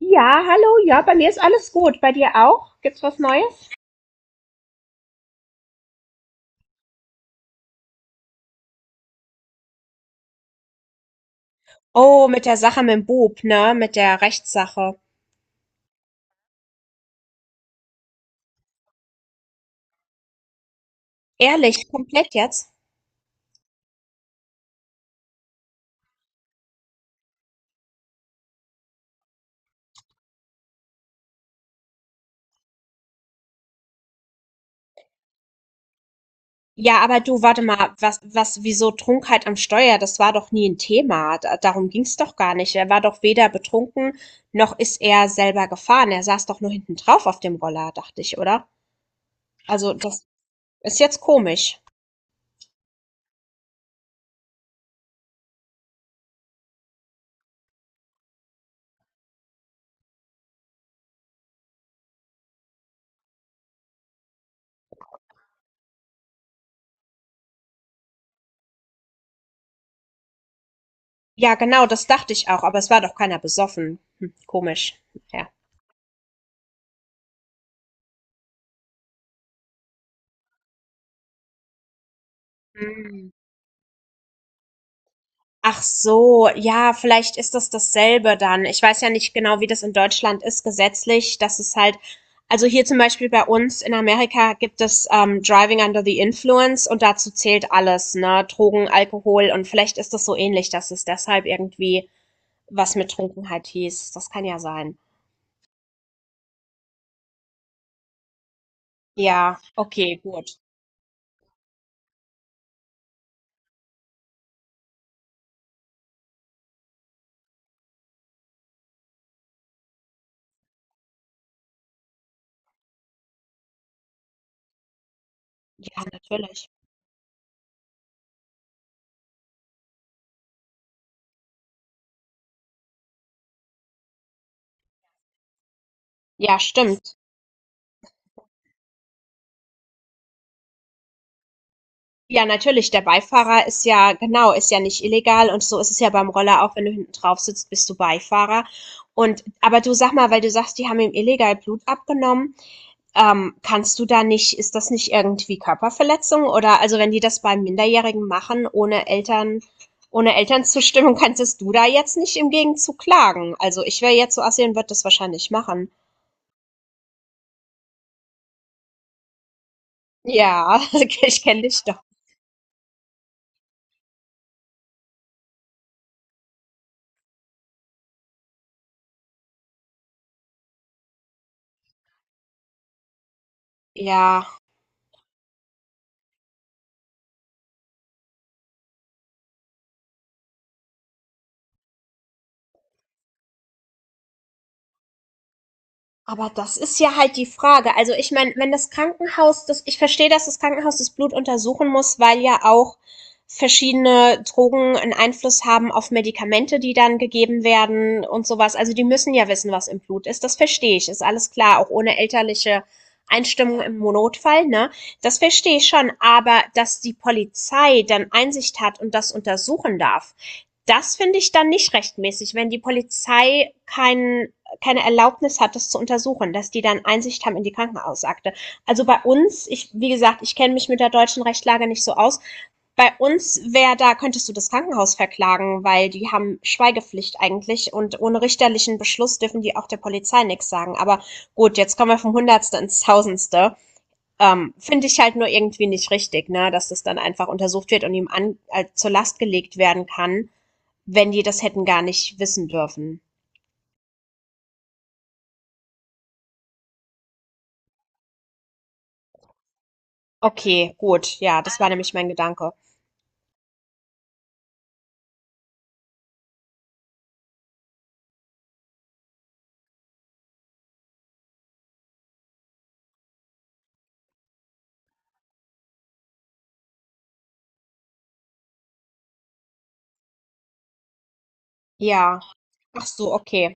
Ja, hallo, ja, bei mir ist alles gut. Bei dir auch? Gibt's was Neues? Oh, mit der Sache mit dem Bub, ne? Mit der Rechtssache. Ehrlich, komplett jetzt? Ja, aber du, warte mal, wieso Trunkenheit am Steuer? Das war doch nie ein Thema. Darum ging's doch gar nicht. Er war doch weder betrunken, noch ist er selber gefahren. Er saß doch nur hinten drauf auf dem Roller, dachte ich, oder? Also, das ist jetzt komisch. Ja, genau, das dachte ich auch, aber es war doch keiner besoffen. Hm, komisch. Ja. Ach so, ja, vielleicht ist das dasselbe dann. Ich weiß ja nicht genau, wie das in Deutschland ist gesetzlich. Das ist halt, also hier zum Beispiel bei uns in Amerika gibt es Driving Under the Influence, und dazu zählt alles, ne? Drogen, Alkohol, und vielleicht ist das so ähnlich, dass es deshalb irgendwie was mit Trunkenheit hieß. Das kann ja sein. Ja, okay, gut. Ja, natürlich. Ja, stimmt. Ja, natürlich, der Beifahrer ist ja, genau, ist ja nicht illegal, und so ist es ja beim Roller auch, wenn du hinten drauf sitzt, bist du Beifahrer. Und aber du, sag mal, weil du sagst, die haben ihm illegal Blut abgenommen, kannst du da nicht, ist das nicht irgendwie Körperverletzung? Oder, also wenn die das bei Minderjährigen machen, ohne Eltern, ohne Elternzustimmung, kannst du da jetzt nicht im Gegenzug klagen? Also, ich wäre jetzt so assi und würde das wahrscheinlich machen. Ja, ich kenne dich doch. Ja. Aber das ist ja halt die Frage. Also, ich meine, wenn das Krankenhaus, das, ich verstehe, dass das Krankenhaus das Blut untersuchen muss, weil ja auch verschiedene Drogen einen Einfluss haben auf Medikamente, die dann gegeben werden und sowas. Also die müssen ja wissen, was im Blut ist. Das verstehe ich. Ist alles klar, auch ohne elterliche Einstimmung im Notfall, ne? Das verstehe ich schon. Aber dass die Polizei dann Einsicht hat und das untersuchen darf, das finde ich dann nicht rechtmäßig, wenn die Polizei keine Erlaubnis hat, das zu untersuchen, dass die dann Einsicht haben in die Krankenhausakte. Also bei uns, ich, wie gesagt, ich kenne mich mit der deutschen Rechtslage nicht so aus. Bei uns wäre da, könntest du das Krankenhaus verklagen, weil die haben Schweigepflicht eigentlich, und ohne richterlichen Beschluss dürfen die auch der Polizei nichts sagen. Aber gut, jetzt kommen wir vom Hundertste ins Tausendste. Finde ich halt nur irgendwie nicht richtig, ne, dass das dann einfach untersucht wird und ihm zur Last gelegt werden kann, wenn die das hätten gar nicht wissen dürfen. Okay, gut. Ja, das war nämlich mein Gedanke. Ja. Ach so, okay.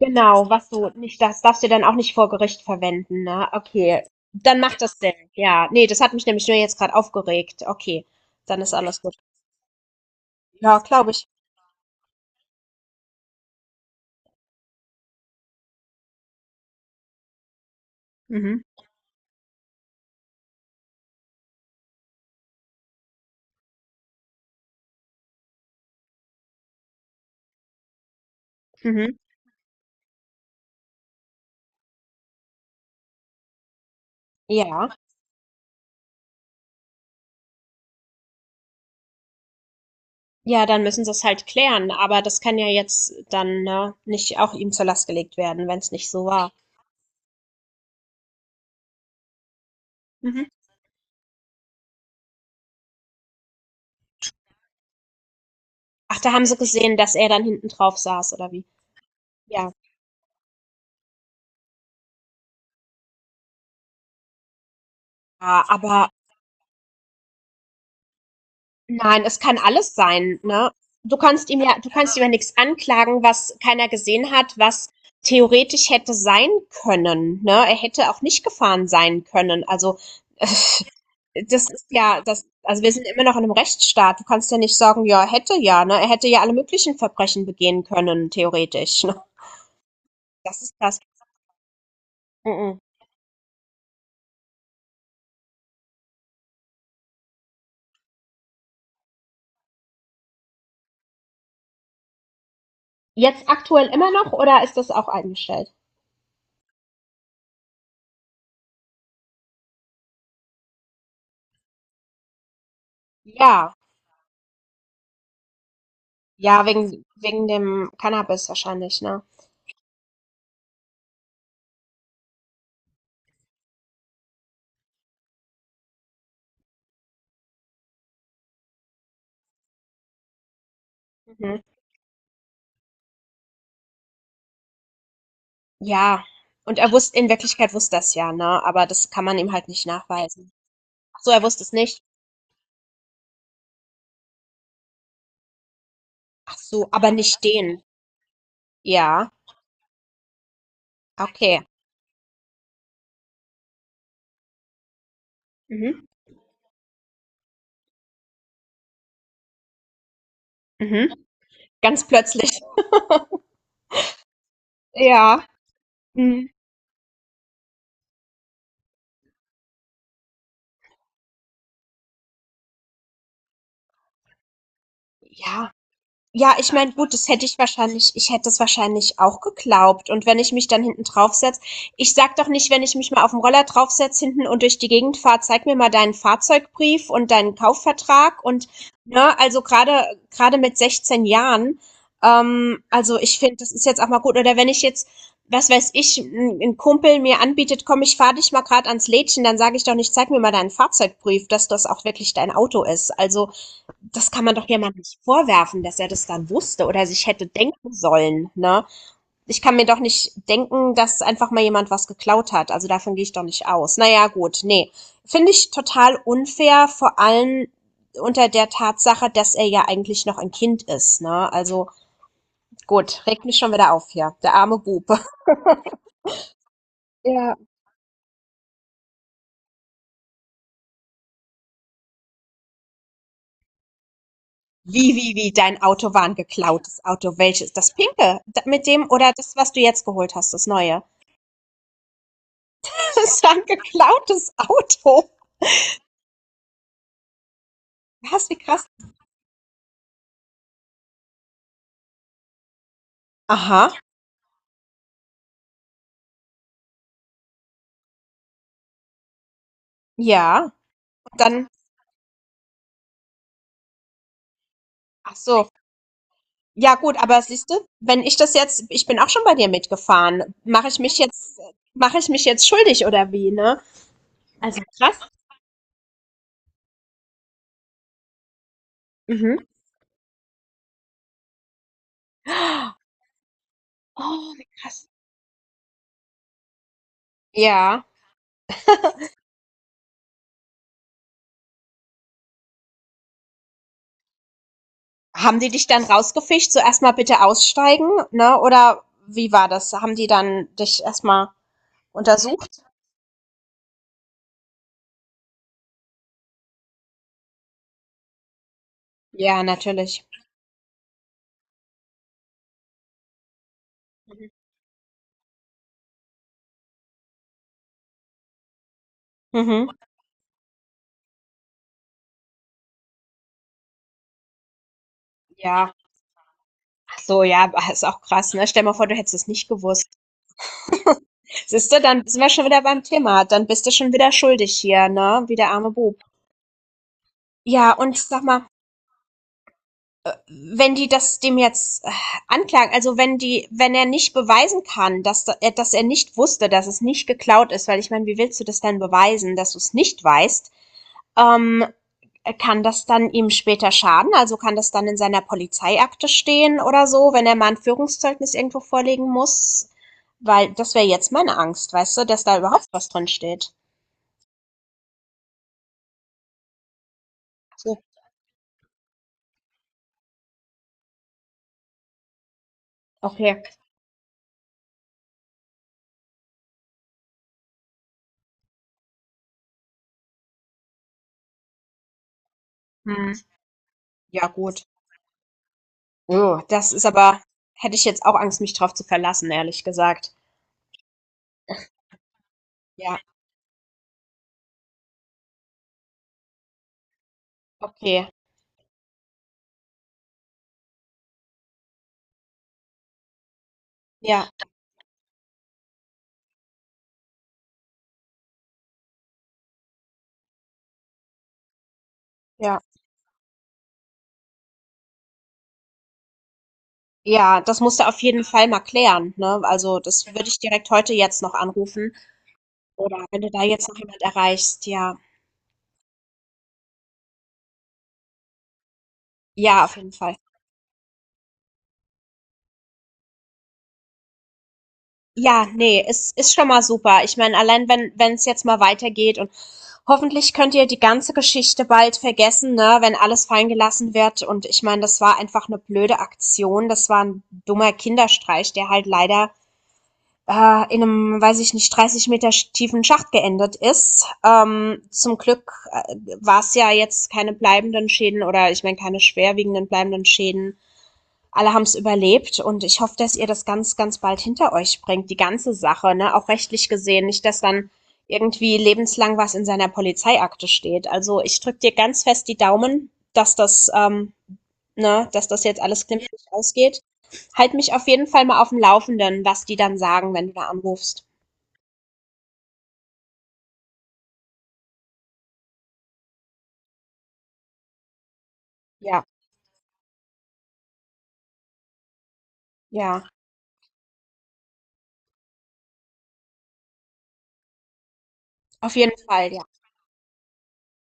Genau, was du nicht, das darfst du dann auch nicht vor Gericht verwenden, ne? Okay. Dann macht das Sinn. Ja, nee, das hat mich nämlich nur jetzt gerade aufgeregt. Okay, dann ist alles gut. Ja, glaube ich. Mhm. Mhm. Ja. Ja, dann müssen sie es halt klären, aber das kann ja jetzt dann, ne, nicht auch ihm zur Last gelegt werden, wenn es nicht so war. Mhm. Ach, da haben sie gesehen, dass er dann hinten drauf saß, oder wie? Ja. Ja, aber nein, es kann alles sein, ne? Du kannst ihm ja nichts anklagen, was keiner gesehen hat, was theoretisch hätte sein können, ne? Er hätte auch nicht gefahren sein können. Also, das ist ja das, also, wir sind immer noch in einem Rechtsstaat. Du kannst ja nicht sagen: „Ja, hätte ja", ne? Er hätte ja alle möglichen Verbrechen begehen können, theoretisch, ne? Das ist das. Mhm. Jetzt aktuell immer noch, oder ist das auch eingestellt? Ja, ja, wegen dem Cannabis wahrscheinlich, ne? Mhm. Ja, und er wusste, in Wirklichkeit wusste er's ja, ne, aber das kann man ihm halt nicht nachweisen. Ach so, er wusste es nicht? Ach so, aber nicht den. Ja, okay. Mhm, mhm. Ganz plötzlich. Ja, mhm. Ja. Ja, ich meine, gut, das hätte ich wahrscheinlich ich hätte es wahrscheinlich auch geglaubt. Und wenn ich mich dann hinten draufsetz, ich sage doch nicht, wenn ich mich mal auf dem Roller draufsetz hinten und durch die Gegend fahre: „Zeig mir mal deinen Fahrzeugbrief und deinen Kaufvertrag", und, ne, also gerade mit 16 Jahren. Also, ich finde, das ist jetzt auch mal gut. Oder wenn ich jetzt, was weiß ich, ein 'n Kumpel mir anbietet: „Komm, ich fahre dich mal gerade ans Lädchen", dann sage ich doch nicht: „Zeig mir mal deinen Fahrzeugbrief", dass das auch wirklich dein Auto ist. Also das kann man doch jemandem nicht vorwerfen, dass er das dann wusste oder sich hätte denken sollen, ne? Ich kann mir doch nicht denken, dass einfach mal jemand was geklaut hat. Also davon gehe ich doch nicht aus. Naja, gut, nee. Finde ich total unfair, vor allem unter der Tatsache, dass er ja eigentlich noch ein Kind ist, ne? Also gut, regt mich schon wieder auf hier. Der arme Bube. Ja, wie, wie, wie, dein Auto war ein geklautes Auto? Welches? Das pinke? Mit dem, oder das, was du jetzt geholt hast, das neue? Das war ein geklautes Auto. Was, wie krass. Aha, ja. Und dann, ach so. Ja, gut, aber siehst du, wenn ich das jetzt, ich bin auch schon bei dir mitgefahren, mache ich mich jetzt, schuldig oder wie, ne? Also, krass. Mhm. Oh, wie krass. Ja. Haben die dich dann rausgefischt, so, erstmal bitte aussteigen, ne? Oder wie war das? Haben die dann dich erstmal untersucht? Ja, natürlich. Mhm. Mhm. Ja. Ach so, ja, ist auch krass, ne? Stell mal vor, du hättest es nicht gewusst. Siehst du, dann sind wir schon wieder beim Thema. Dann bist du schon wieder schuldig hier, ne? Wie der arme Bub. Ja, und sag mal, wenn die das dem jetzt anklagen, also wenn die, wenn er nicht beweisen kann, dass, dass er nicht wusste, dass es nicht geklaut ist, weil, ich meine, wie willst du das denn beweisen, dass du es nicht weißt? Ähm, Kann das dann ihm später schaden? Also kann das dann in seiner Polizeiakte stehen oder so, wenn er mal ein Führungszeugnis irgendwo vorlegen muss? Weil das wäre jetzt meine Angst, weißt du, dass da überhaupt was drin steht. Okay. Mhm. Ja, gut. Oh, das ist aber, hätte ich jetzt auch Angst, mich drauf zu verlassen, ehrlich gesagt. Ja, okay. Ja, ja. Ja, das musst du auf jeden Fall mal klären, ne? Also, das würde ich direkt heute jetzt noch anrufen, oder wenn du da jetzt noch jemand erreichst, ja. Ja, auf jeden Fall. Ja, nee, ist schon mal super. Ich meine, allein wenn es jetzt mal weitergeht, und hoffentlich könnt ihr die ganze Geschichte bald vergessen, ne, wenn alles fallen gelassen wird. Und ich meine, das war einfach eine blöde Aktion. Das war ein dummer Kinderstreich, der halt leider in einem, weiß ich nicht, 30 Meter tiefen Schacht geendet ist. Zum Glück war es ja jetzt keine bleibenden Schäden, oder, ich meine, keine schwerwiegenden bleibenden Schäden, alle haben es überlebt, und ich hoffe, dass ihr das ganz, ganz bald hinter euch bringt, die ganze Sache, ne? Auch rechtlich gesehen, nicht, dass dann irgendwie lebenslang was in seiner Polizeiakte steht. Also ich drücke dir ganz fest die Daumen, dass das, ne, dass das jetzt alles glimpflich ausgeht. Halt mich auf jeden Fall mal auf dem Laufenden, was die dann sagen, wenn du da anrufst. Ja, ja, auf jeden Fall, ja.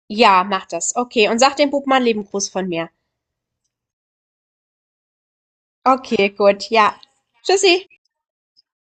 Ja, mach das. Okay, und sag dem Bub mal einen lieben Gruß von mir. Okay, gut, ja. Tschüssi.